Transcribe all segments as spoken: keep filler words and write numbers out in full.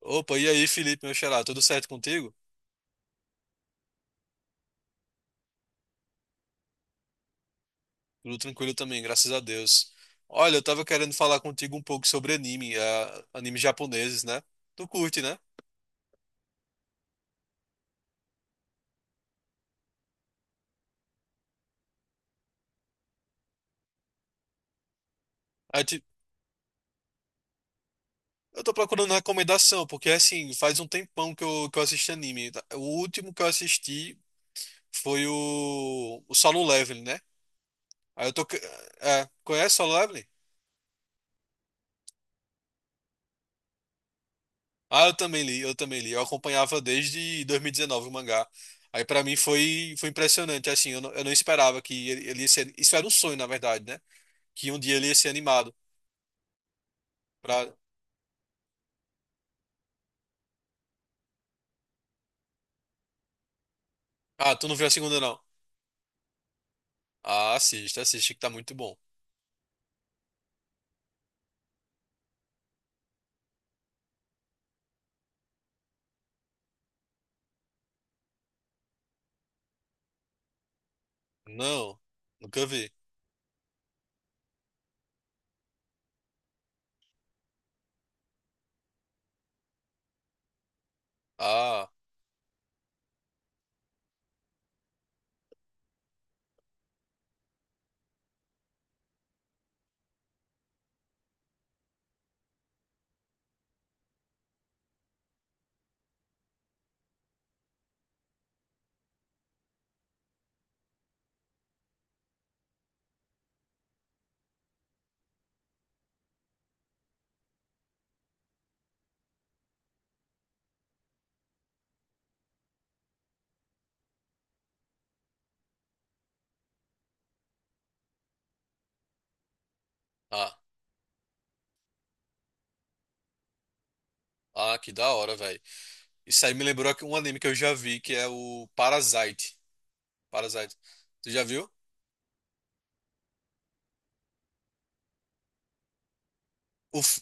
Opa, e aí, Felipe, meu xará, tudo certo contigo? Tudo tranquilo também, graças a Deus. Olha, eu tava querendo falar contigo um pouco sobre anime, a- animes japoneses, né? Tu curte, né? Aí, ti- eu tô procurando recomendação, porque assim, faz um tempão que eu, que eu assisto anime. O último que eu assisti foi o, o Solo Leveling, né? Aí eu tô. Que- É, conhece Solo Leveling? Ah, eu também li, eu também li. Eu acompanhava desde dois mil e dezenove o mangá. Aí pra mim foi, foi impressionante, assim, eu não, eu não esperava que ele, ele ia ser... Isso era um sonho, na verdade, né? Que um dia ele ia ser animado. Pra... Ah, tu não viu a segunda, não? Ah, assista, assiste que tá muito bom. Não, nunca vi. Ah, ah, ah, que da hora, velho. Isso aí me lembrou que- um anime que eu já vi, que é o Parasite. Parasite. Tu já viu? Uf,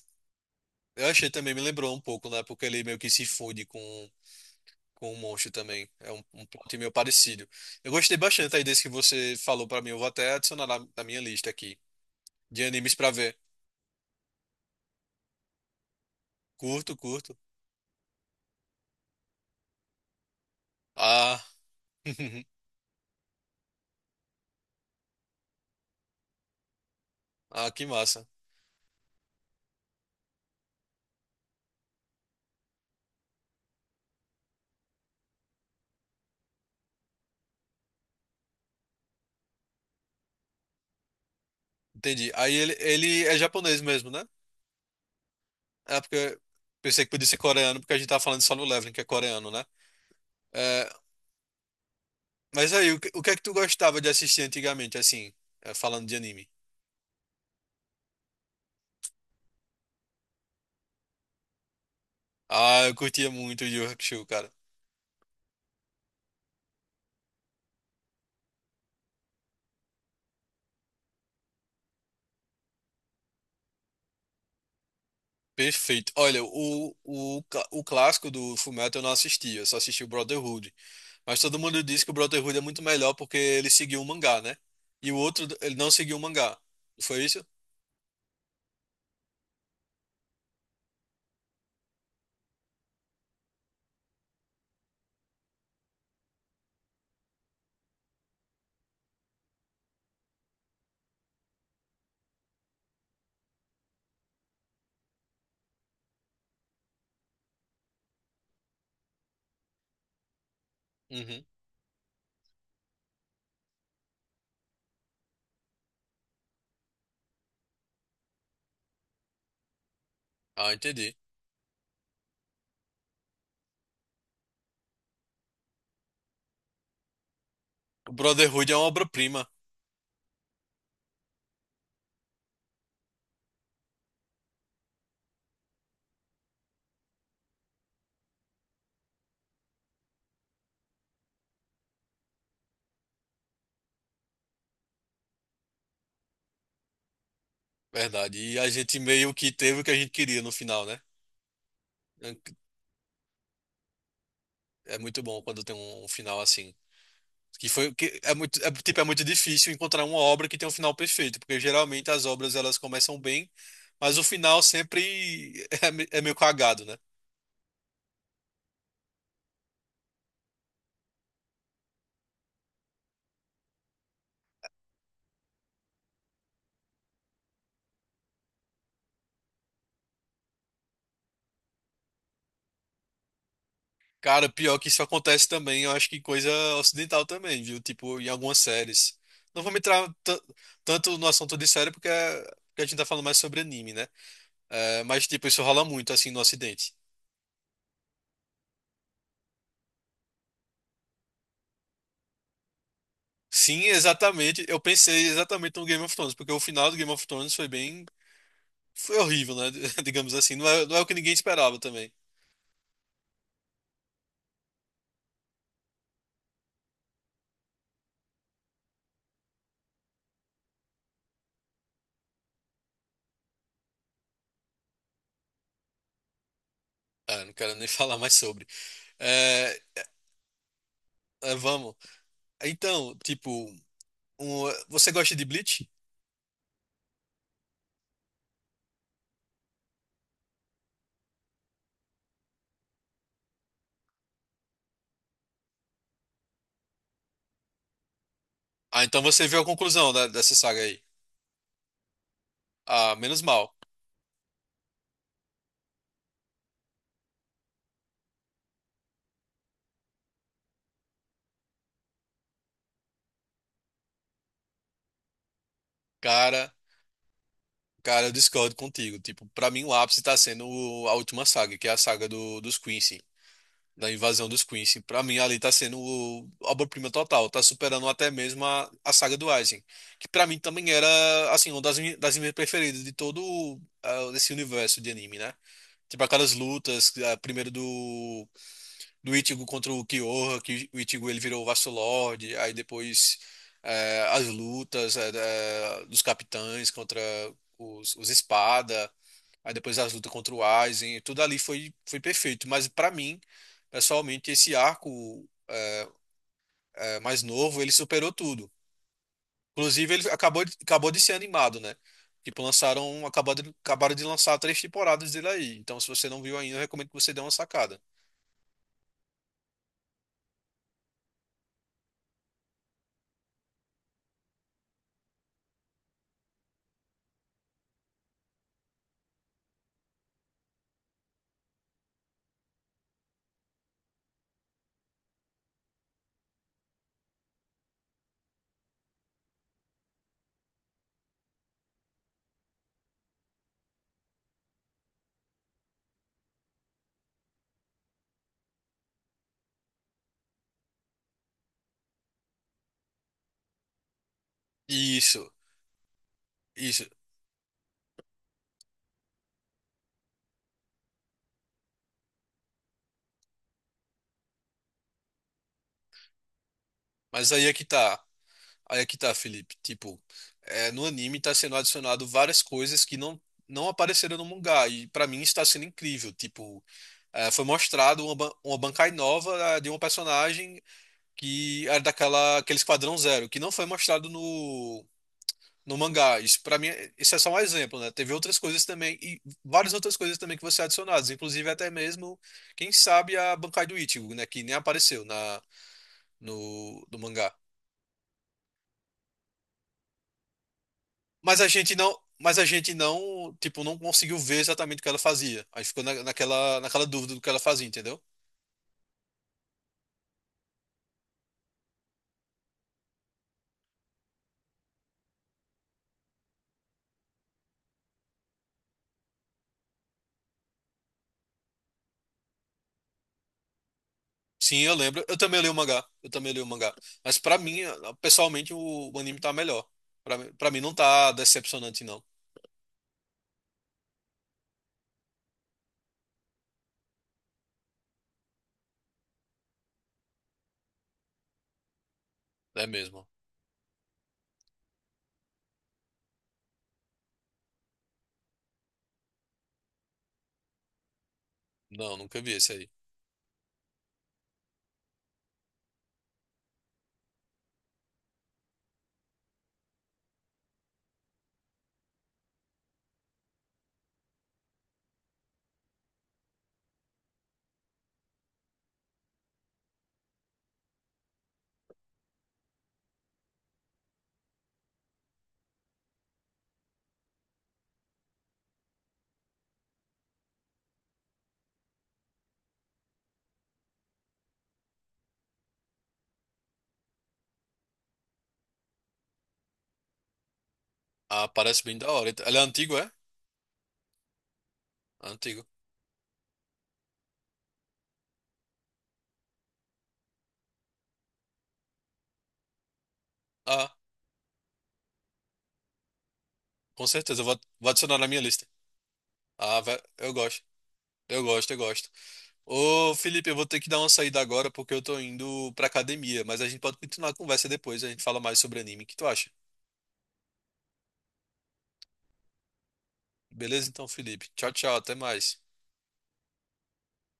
eu achei também, me lembrou um pouco, né? Porque ele meio que se funde com com o Monstro também. É um, um plot meio parecido. Eu gostei bastante aí desse que você falou pra mim. Eu vou até adicionar na, na minha lista aqui de animes pra ver. Curto, curto. Ah, ah, que massa. Entendi. Aí ele, ele é japonês mesmo, né? É porque pensei que podia ser coreano, porque a gente tava falando só no Leveling, que é coreano, né? É, mas aí, o que, o que é que tu gostava de assistir antigamente, assim, é, falando de anime? Ah, eu curtia muito Yu Yu Hakusho. Perfeito. Olha, o, o, cla- o clássico do Fullmetal eu não assisti, eu só assisti o Brotherhood. Mas todo mundo diz que o Brotherhood é muito melhor porque ele seguiu o mangá, né? E o outro, ele não seguiu o mangá. Foi isso? Uhum. Ah, entendi. O Brotherhood é uma obra-prima, verdade. E a gente meio que teve o que a gente queria no final, né? É, é muito bom quando tem um um final assim. Que foi que é muito, é, tipo, é muito difícil encontrar uma obra que tem um final perfeito, porque geralmente as obras elas começam bem, mas o final sempre é, me- é meio cagado, né? Cara, pior que isso acontece também, eu acho que coisa ocidental também, viu? Tipo, em algumas séries. Não vou me entrar tan- tanto no assunto de série, porque, é- porque a gente tá falando mais sobre anime, né? É, mas, tipo, isso rola muito, assim, no Ocidente. Sim, exatamente. Eu pensei exatamente no Game of Thrones, porque o final do Game of Thrones foi bem. Foi horrível, né? Digamos assim. Não é, não é o que ninguém esperava também. Ah, não quero nem falar mais sobre. É, é, vamos. Então, tipo, um- você gosta de Bleach? Ah, então você viu a conclusão da- dessa saga aí. Ah, menos mal. Cara, cara, eu discordo contigo. Tipo, pra mim o ápice tá sendo o- a última saga, que é a saga do, dos Quincy, da invasão dos Quincy. Pra mim, ali tá sendo o- obra-prima total, tá superando até mesmo a, a saga do Eisen, que pra mim também era, assim, uma das, mi- das minhas preferidas de todo ah, esse universo de anime, né? Tipo aquelas lutas, ah, primeiro do, do Ichigo contra o Kyoha, que o Ichigo ele virou o Vasto Lord, aí depois eh, as lutas eh, da- dos capitães contra os, os espada. Aí depois as lutas contra o Aizen, tudo ali foi, foi perfeito. Mas pra mim, pessoalmente, esse arco é, mais novo, ele superou tudo. Inclusive, ele acabou, de- acabou de ser animado, né? Tipo, lançaram, acabou de- acabaram de lançar três temporadas dele aí. Então, se você não viu ainda, eu recomendo que você dê uma sacada. Isso, isso. Mas aí é que tá. Aí é que tá, Felipe. Tipo, é, no anime tá sendo adicionado várias coisas que não, não apareceram no mangá. E pra mim está sendo incrível. Tipo, é, foi mostrado uma, ban- uma Bankai nova ah, de uma personagem que era daquela aquele Esquadrão Zero, que não foi mostrado no, no mangá. Isso para mim, é- isso é só um exemplo, né? Teve outras coisas também e várias outras coisas também que vão ser adicionadas, inclusive até mesmo, quem sabe a Bankai do Ichigo, né, que nem apareceu na no, no mangá. Mas a gente não Mas a gente não, tipo, não conseguiu ver exatamente o que ela fazia. Aí ficou na- naquela, naquela dúvida do que ela fazia, entendeu? Sim, eu lembro. Eu também li o mangá. Eu também li o mangá. Mas pra mim, ah, pessoalmente, o, o anime tá melhor. Pra mim, pra mim não tá decepcionante, não. É mesmo. Não, nunca vi esse aí. Ah, parece bem da hora. Ele é antigo, é? Antigo. Ah, com certeza. Eu vou, vou adicionar na minha lista. Ah, ve- eu gosto. Eu gosto, eu gosto. Ô, Felipe, eu vou ter que dar uma saída agora porque eu tô indo pra academia. Mas a gente pode continuar a conversa depois. A gente fala mais sobre anime. O que tu acha? Beleza, então, Felipe. Tchau, tchau. Até mais.